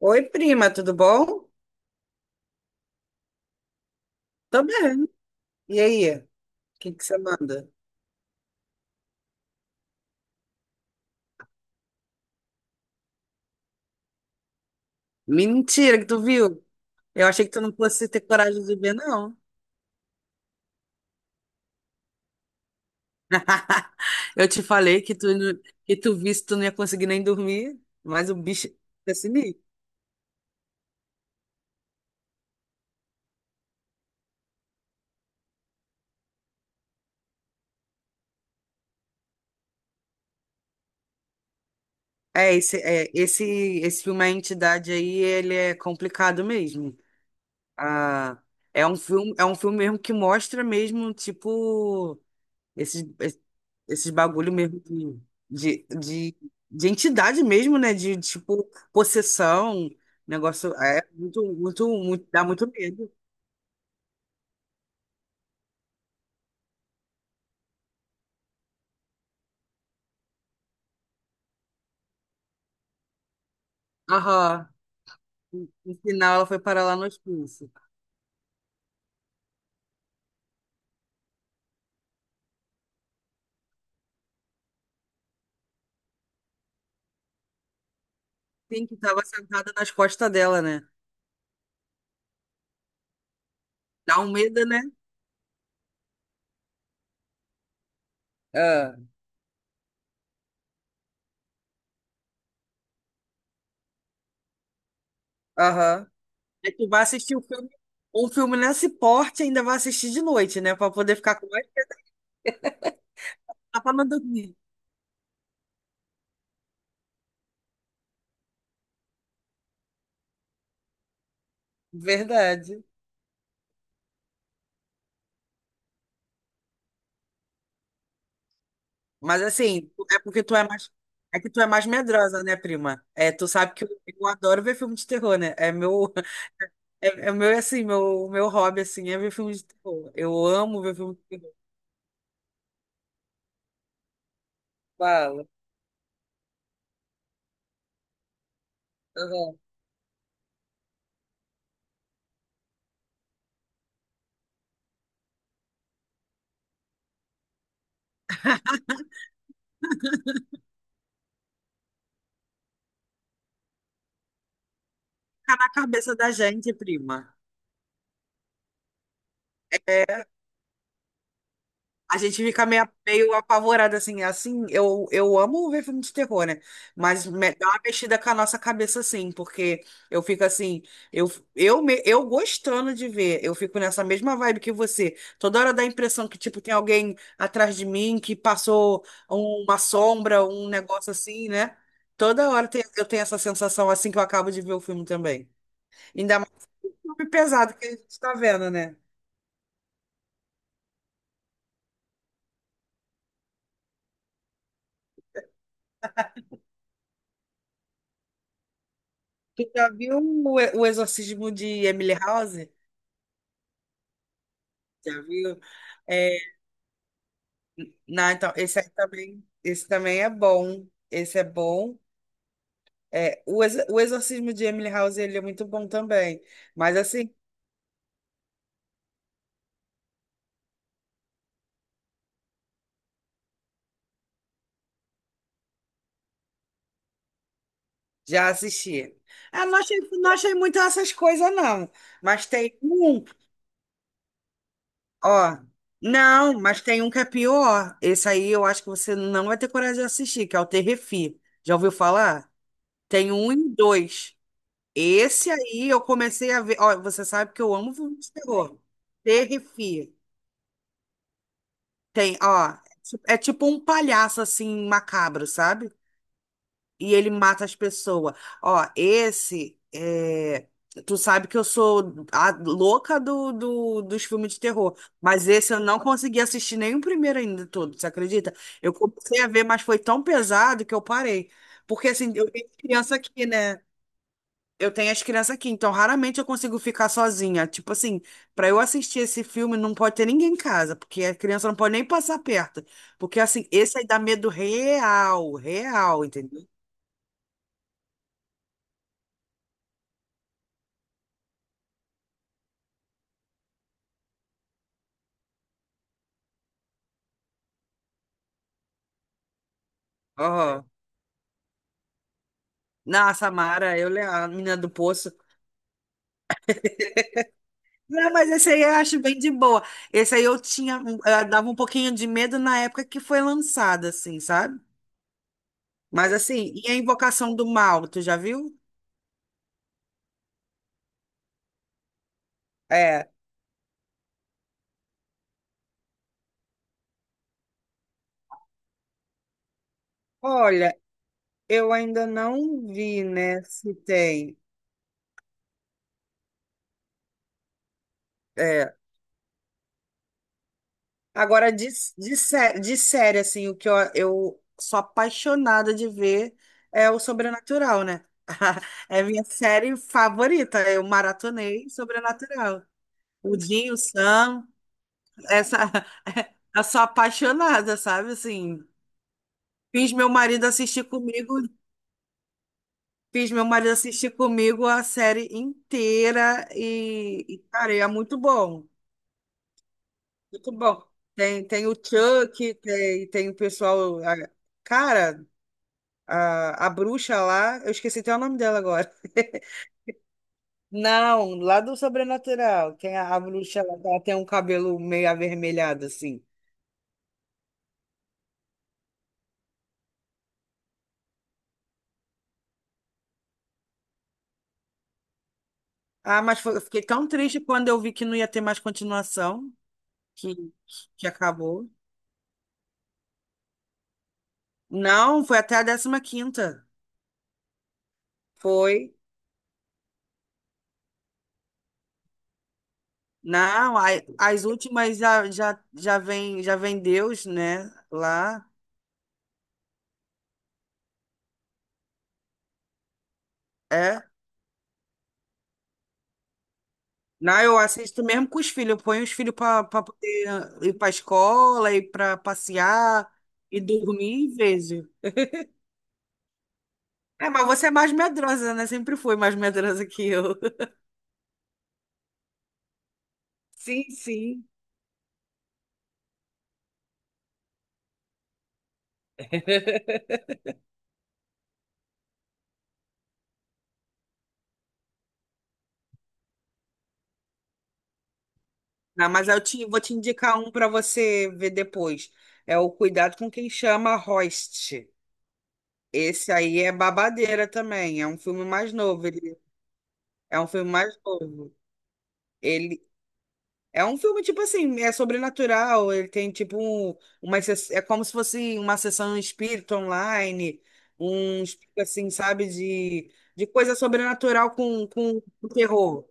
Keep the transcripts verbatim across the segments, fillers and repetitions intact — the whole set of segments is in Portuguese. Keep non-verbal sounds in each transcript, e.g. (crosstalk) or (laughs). Oi, prima, tudo bom? Tô bem. E aí, o que que você manda? Mentira que tu viu. Eu achei que tu não fosse ter coragem de ver, não. (laughs) Eu te falei que tu, não- que tu visse, tu não ia conseguir nem dormir, mas o bicho é sinistro. É, esse, é, esse, esse filme, A Entidade aí, ele é complicado mesmo. Ah, é um filme, é um filme mesmo que mostra mesmo, tipo. Esses, es- esses bagulho mesmo de, de, de, de entidade mesmo, né? De, tipo, possessão, negócio. É muito, muito, muito, dá muito medo. Aham. No no final ela foi parar lá no hospício. Tem que tava sentada nas costas dela, né? Dá um medo, né? Ah, aham. É que vai assistir o filme, um filme nesse porte, ainda vai assistir de noite, né? Pra poder ficar com mais, pra não dormir. Verdade. Mas assim, tu- é porque tu é mais. É que tu é mais medrosa, né, prima? É, tu sabe que eu, eu adoro ver filme de terror, né? É meu, (laughs) é, é meu assim, meu, meu hobby assim é ver filme de terror. Eu amo ver filme de terror. Fala. Aham. Fica na cabeça da gente, prima. É, a gente fica meio, meio apavorada, assim, assim, eu, eu amo ver filme de terror, né? Mas me- dá uma mexida com a nossa cabeça, assim, porque eu fico assim, eu, eu, me- eu gostando de ver, eu fico nessa mesma vibe que você. Toda hora dá a impressão que, tipo, tem alguém atrás de mim que passou uma sombra, um negócio assim, né? Toda hora tem- eu tenho essa sensação, assim, que eu acabo de ver o filme também. Ainda mais o filme pesado que a gente tá vendo, né? Tu já viu o, o Exorcismo de Emily House? Já viu? É, não, então, esse aí também, esse também é bom. Esse é bom. É, o, Ex- o Exorcismo de Emily House, ele é muito bom também. Mas assim, já assisti. Ah, não achei, não achei muito essas coisas, não. Mas tem um, ó. Não, mas tem um que é pior. Esse aí eu acho que você não vai ter coragem de assistir, que é o Terrefi. Já ouviu falar? Tem um e dois. Esse aí eu comecei a ver. Ó, você sabe que eu amo filme de terror. Terrifia. Tem, ó, é tipo um palhaço assim macabro, sabe? E ele mata as pessoas. Ó, esse é. Tu sabe que eu sou a louca do, do- dos filmes de terror, mas esse eu não consegui assistir nem o primeiro ainda todo, você acredita? Eu comecei a ver, mas foi tão pesado que eu parei. Porque assim, eu tenho criança aqui, né? Eu tenho as crianças aqui, então raramente eu consigo ficar sozinha. Tipo assim, pra eu assistir esse filme não pode ter ninguém em casa, porque a criança não pode nem passar perto. Porque assim, esse aí dá medo real, real, entendeu? Aham. Na Samara, eu, le- a menina do poço. Não, mas esse aí eu acho bem de boa. Esse aí eu tinha, eu dava um pouquinho de medo na época que foi lançado, assim, sabe? Mas assim, e a Invocação do Mal, tu já viu? É. Olha, eu ainda não vi, né, se tem. É. Agora, de, de, sé- de série, assim, o que eu, eu sou apaixonada de ver é o Sobrenatural, né? (laughs) É minha série favorita. Eu maratonei Sobrenatural. O Jim, o Sam, essa. (laughs) Eu sou apaixonada, sabe? Assim, fiz meu marido assistir comigo, fiz meu marido assistir comigo a série inteira e, e cara, é muito bom. Muito bom. Tem, tem o Chuck, tem, tem o pessoal. a- Cara. A, a bruxa lá, eu esqueci até o nome dela agora. (laughs) Não, lá do Sobrenatural. Tem a, a bruxa, ela, ela tem um cabelo meio avermelhado, assim. Ah, mas foi- eu fiquei tão triste quando eu vi que não ia ter mais continuação, que, que acabou. Não, foi até a décima quinta. Foi. Não, a- as últimas já, já, já vem, já vem Deus, né? Lá. É. Não, eu assisto mesmo com os filhos. Eu ponho os filhos para poder ir para escola, ir para passear e dormir e vejo. É, mas você é mais medrosa, né? Sempre foi mais medrosa que eu. (laughs) Sim, sim. Não, mas eu te, vou te indicar um para você ver depois. É o Cuidado com Quem Chama Host. Esse aí é babadeira também. É um filme mais novo. Ele, é um filme mais novo. Ele, é um filme, tipo assim, é sobrenatural. Ele tem, tipo, um, uma. Se- é como se fosse uma sessão espírita online, um espírito, assim, sabe, de, de coisa sobrenatural com, com terror.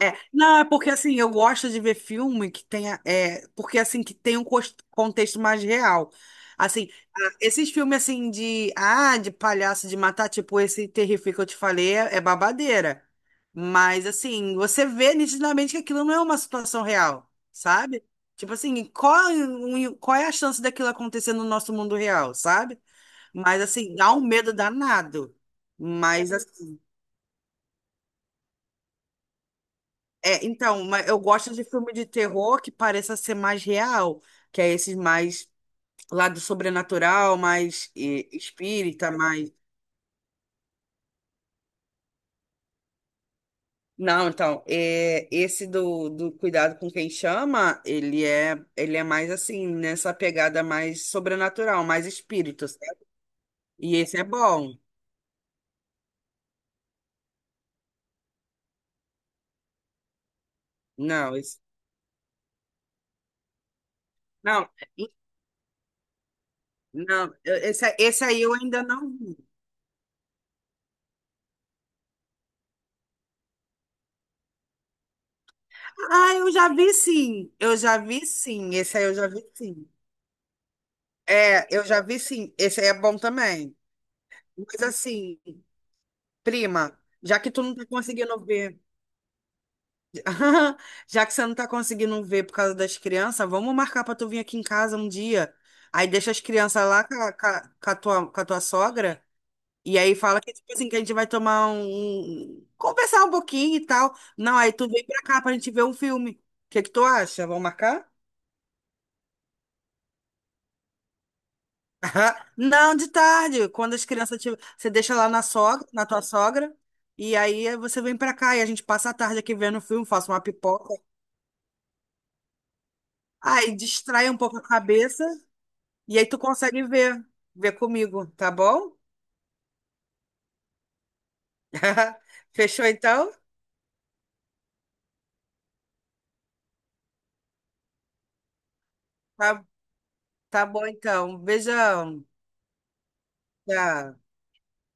É, não, é porque assim, eu gosto de ver filme que tenha, é, porque assim, que tem um cos- contexto mais real. Assim, ah, esses filmes assim de, ah, de palhaço de matar, tipo esse Terrific que eu te falei, é, é babadeira. Mas assim, você vê nitidamente que aquilo não é uma situação real, sabe? Tipo assim, qual, um- qual é a chance daquilo acontecer no nosso mundo real, sabe? Mas assim, dá um medo danado. Mas assim, é, então, ma- eu gosto de filme de terror que pareça ser mais real, que é esse mais lado sobrenatural, mais eh, espírita, mais. Não, então, é, esse do, do Cuidado com Quem Chama, ele é, ele é mais assim, nessa pegada mais sobrenatural, mais espírito, certo? E esse é bom. Não, esse. Não, e- não, eu- esse, esse aí eu ainda não vi. Ah, eu já vi sim. Eu já vi sim. Esse aí eu já vi sim. É, eu já vi sim. Esse aí é bom também. Mas assim, prima, já que tu não tá conseguindo ver, (laughs) já que você não tá conseguindo ver por causa das crianças, vamos marcar pra tu vir aqui em casa um dia. Aí deixa as crianças lá com a, com a- com a tua, com a tua sogra. E aí fala que, tipo assim, que a gente vai tomar um. um, conversar um pouquinho e tal. Não, aí tu vem pra cá pra gente ver um filme. O que que tu acha? Vamos marcar? Aham. Não, de tarde, quando as crianças tiver, você deixa lá na sogra, na tua sogra, e aí você vem pra cá e a gente passa a tarde aqui vendo um filme, faço uma pipoca. Aí distrai um pouco a cabeça e aí tu consegue ver, ver comigo, tá bom? (laughs) Fechou então? Tá, tá bom então. Beijão. Tchau.